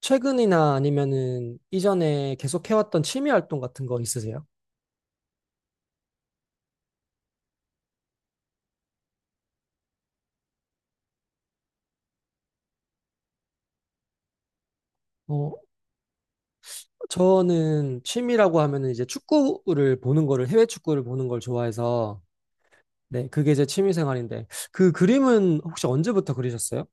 최근이나 아니면은 이전에 계속 해왔던 취미 활동 같은 거 있으세요? 어, 저는 취미라고 하면은 이제 축구를 보는 거를, 해외 축구를 보는 걸 좋아해서, 네, 그게 제 취미 생활인데, 그 그림은 혹시 언제부터 그리셨어요?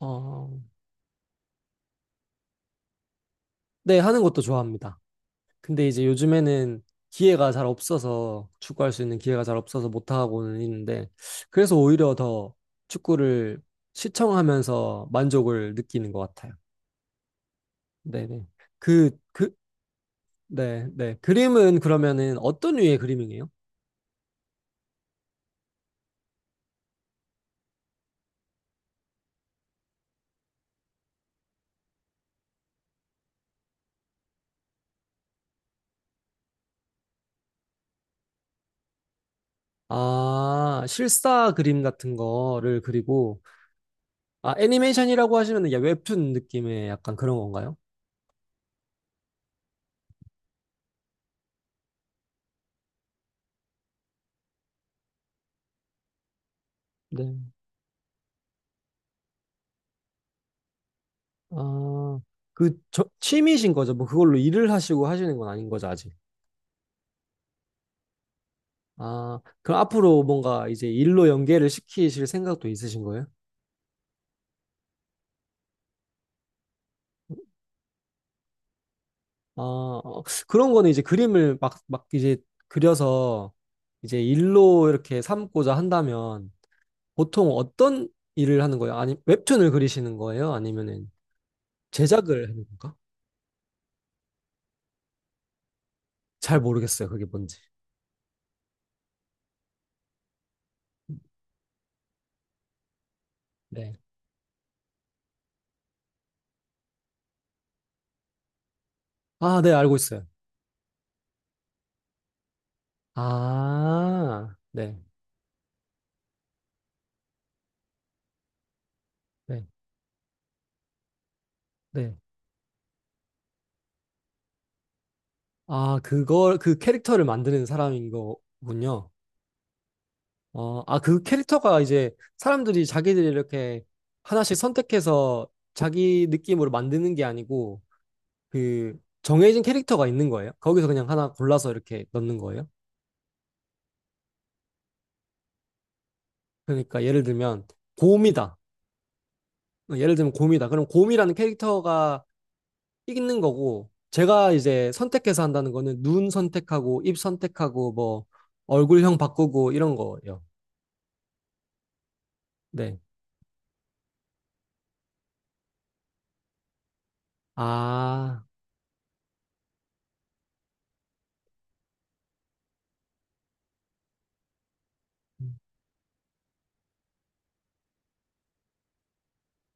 어, 네, 하는 것도 좋아합니다. 근데 이제 요즘에는 기회가 잘 없어서, 축구할 수 있는 기회가 잘 없어서 못하고는 있는데, 그래서 오히려 더 축구를 시청하면서 만족을 느끼는 것 같아요. 네네. 그, 그, 네, 네. 그림은 그러면은 어떤 류의 그림이에요? 아, 실사 그림 같은 거를 그리고, 아, 애니메이션이라고 하시면 야, 웹툰 느낌의 약간 그런 건가요? 네. 아, 그, 저, 취미신 거죠? 뭐 그걸로 일을 하시고 하시는 건 아닌 거죠, 아직? 아, 그럼 앞으로 뭔가 이제 일로 연계를 시키실 생각도 있으신 거예요? 아, 어, 그런 거는 이제 그림을 막 이제 그려서 이제 일로 이렇게 삼고자 한다면, 보통 어떤 일을 하는 거예요? 아니, 웹툰을 그리시는 거예요? 아니면은 제작을 하는 건가? 잘 모르겠어요. 그게 뭔지. 네. 아, 네, 알고 있어요. 아, 네, 네, 네. 아, 그걸, 그 캐릭터를 만드는 사람인 거군요. 그 캐릭터가 이제 사람들이 자기들이 이렇게 하나씩 선택해서 자기 느낌으로 만드는 게 아니고, 그, 정해진 캐릭터가 있는 거예요? 거기서 그냥 하나 골라서 이렇게 넣는 거예요? 그러니까 예를 들면, 곰이다. 어, 예를 들면 곰이다. 그럼 곰이라는 캐릭터가 있는 거고, 제가 이제 선택해서 한다는 거는 눈 선택하고, 입 선택하고, 뭐, 얼굴형 바꾸고, 이런 거예요. 네. 아,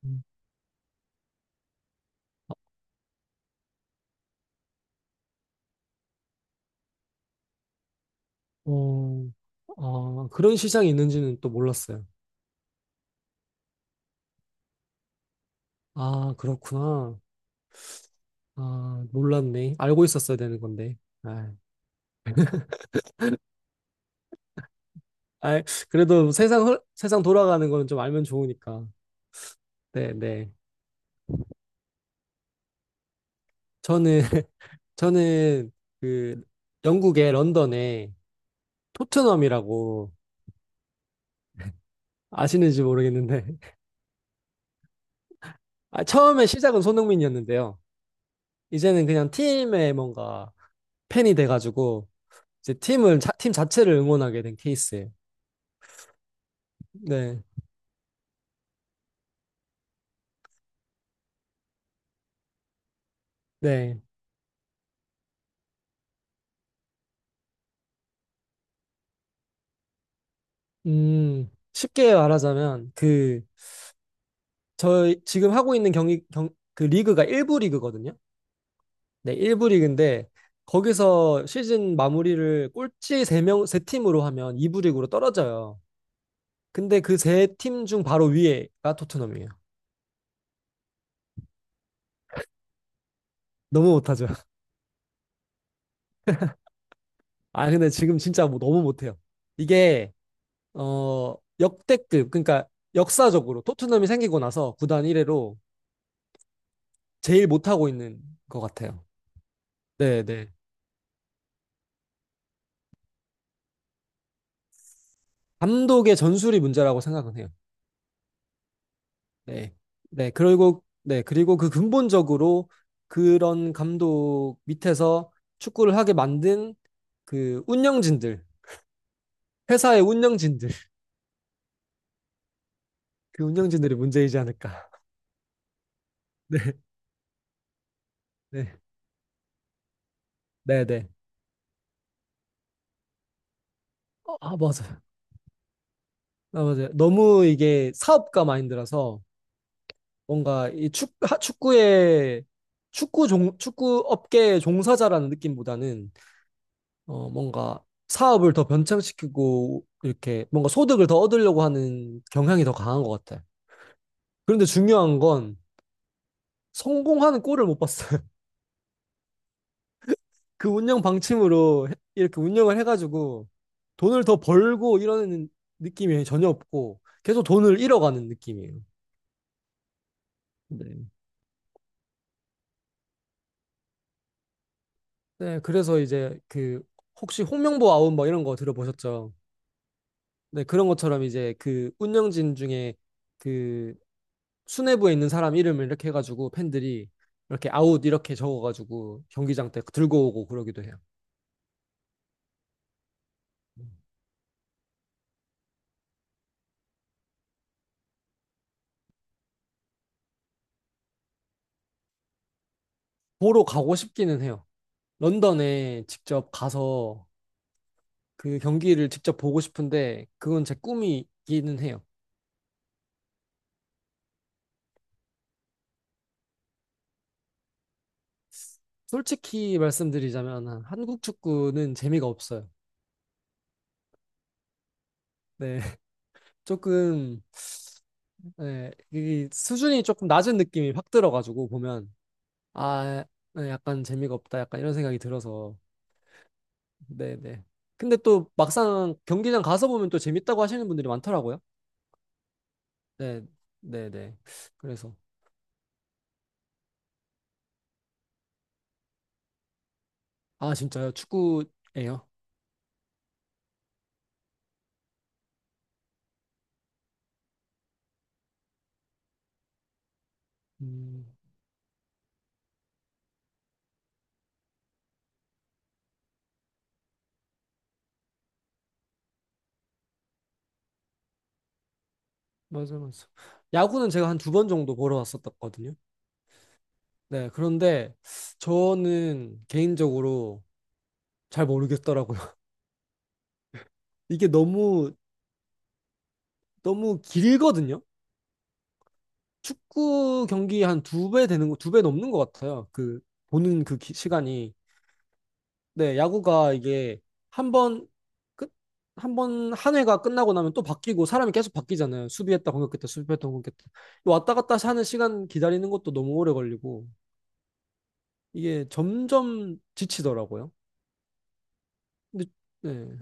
음, 어, 아, 그런 시장이 있는지는 또 몰랐어요. 아, 그렇구나. 아, 몰랐네. 알고 있었어야 되는 건데. 아, 아, 그래도 세상 돌아가는 거는 좀 알면 좋으니까. 네, 네. 저는 저는 그 영국의 런던에 토트넘이라고 아시는지 모르겠는데 아, 처음에 시작은 손흥민이었는데요. 이제는 그냥 팀에 뭔가 팬이 돼가지고 이제 팀 자체를 응원하게 된 케이스예요. 네, 네. 쉽게 말하자면 그 저희 지금 하고 있는 그 리그가 1부 리그거든요. 네, 1부 리그인데 거기서 시즌 마무리를 꼴찌 세 명 세 팀으로 하면 2부 리그로 떨어져요. 근데 그 세 팀 중 바로 위에가 토트넘이에요. 너무 못하죠. 아, 근데 지금 진짜 뭐 너무 못해요. 이게, 어, 역대급, 그러니까 역사적으로 토트넘이 생기고 나서 구단 1회로 제일 못하고 있는 것 같아요. 네, 네. 감독의 전술이 문제라고 생각은 해요. 네. 네, 그리고, 네, 그리고 그 근본적으로 그런 감독 밑에서 축구를 하게 만든 그 운영진들, 회사의 운영진들, 그 운영진들이 문제이지 않을까. 네. 네, 네, 네. 어, 아, 맞아요. 아, 맞아요. 너무 이게 사업가 마인드라서 뭔가 축구의 축구 업계의 종사자라는 느낌보다는 어, 뭔가 사업을 더 변창시키고 이렇게 뭔가 소득을 더 얻으려고 하는 경향이 더 강한 것 같아요. 그런데 중요한 건 성공하는 꼴을 못 봤어요. 이렇게 운영을 해가지고 돈을 더 벌고 이러는 느낌이 전혀 없고 계속 돈을 잃어가는 느낌이에요. 네. 네, 그래서 이제 그 혹시 홍명보 아웃 뭐 이런 거 들어보셨죠? 네, 그런 것처럼 이제 그 운영진 중에 그 수뇌부에 있는 사람 이름을 이렇게 해가지고 팬들이 이렇게 아웃 이렇게 적어가지고 경기장 때 들고 오고 그러기도 해요. 보러 가고 싶기는 해요. 런던에 직접 가서 그 경기를 직접 보고 싶은데 그건 제 꿈이기는 해요. 솔직히 말씀드리자면 한국 축구는 재미가 없어요. 네, 조금 네, 이 수준이 조금 낮은 느낌이 확 들어가지고 보면 아, 네, 약간 재미가 없다, 약간 이런 생각이 들어서 네, 네. 근데 또 막상 경기장 가서 보면 또 재밌다고 하시는 분들이 많더라고요. 네, 네, 네. 그래서 아 진짜요? 축구예요? 음, 맞아. 야구는 제가 한 두 번 정도 보러 왔었거든요. 네, 그런데 저는 개인적으로 잘 모르겠더라고요. 이게 너무 길거든요. 축구 경기 한 두 배 되는 거, 두 배 넘는 것 같아요. 그, 보는 시간이. 네, 야구가 이게 한 번, 끝, 한 번, 한 회가 끝나고 나면 또 바뀌고 사람이 계속 바뀌잖아요. 수비했다, 공격했다, 수비했다, 공격했다. 왔다 갔다 하는 시간 기다리는 것도 너무 오래 걸리고, 이게 점점 지치더라고요. 근데, 네.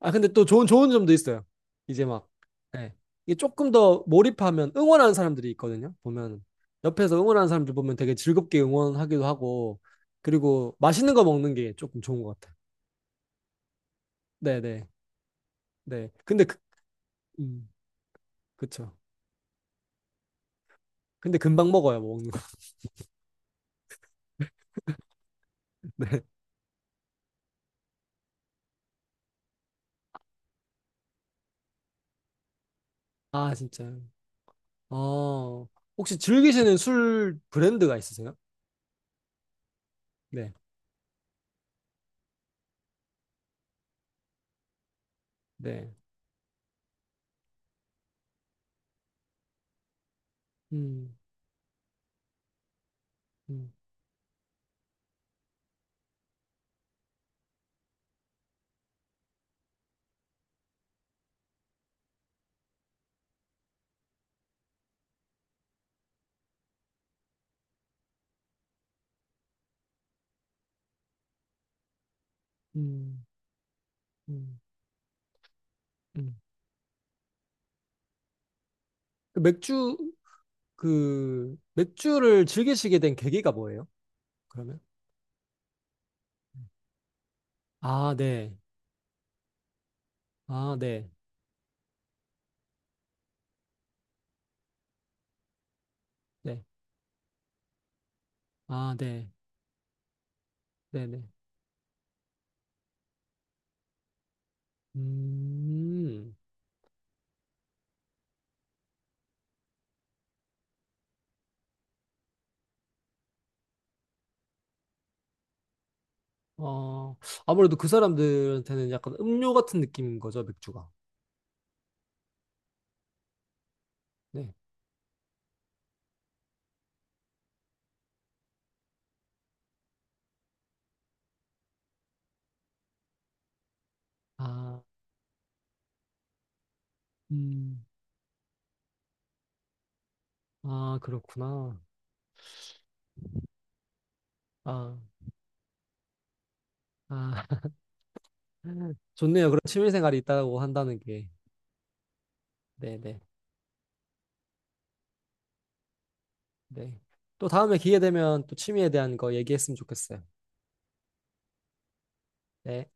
아, 근데 또 좋은 점도 있어요. 이제 막, 예. 이게 조금 더 몰입하면 응원하는 사람들이 있거든요. 보면, 옆에서 응원하는 사람들 보면 되게 즐겁게 응원하기도 하고, 그리고 맛있는 거 먹는 게 조금 좋은 것 같아요. 네네. 네. 네. 근데, 그, 음, 그쵸. 근데 금방 먹어요, 뭐 먹는 거. 네. 아, 진짜요? 어, 혹시 즐기시는 술 브랜드가 있으세요? 네. 네. 음, 음, 음, 음, 음. 그 맥주, 그 맥주를 즐기시게 된 계기가 뭐예요? 그러면? 아, 네. 아, 네. 네. 아, 네. 네네. 음. 어, 아무래도 그 사람들한테는 약간 음료 같은 느낌인 거죠, 맥주가. 네. 아, 음. 아, 그렇구나. 아, 아. 좋네요. 그런 취미 생활이 있다고 한다는 게. 네네. 네. 네, 네. 또 다음에 기회 되면 또 취미에 대한 거 얘기했으면 좋겠어요. 네.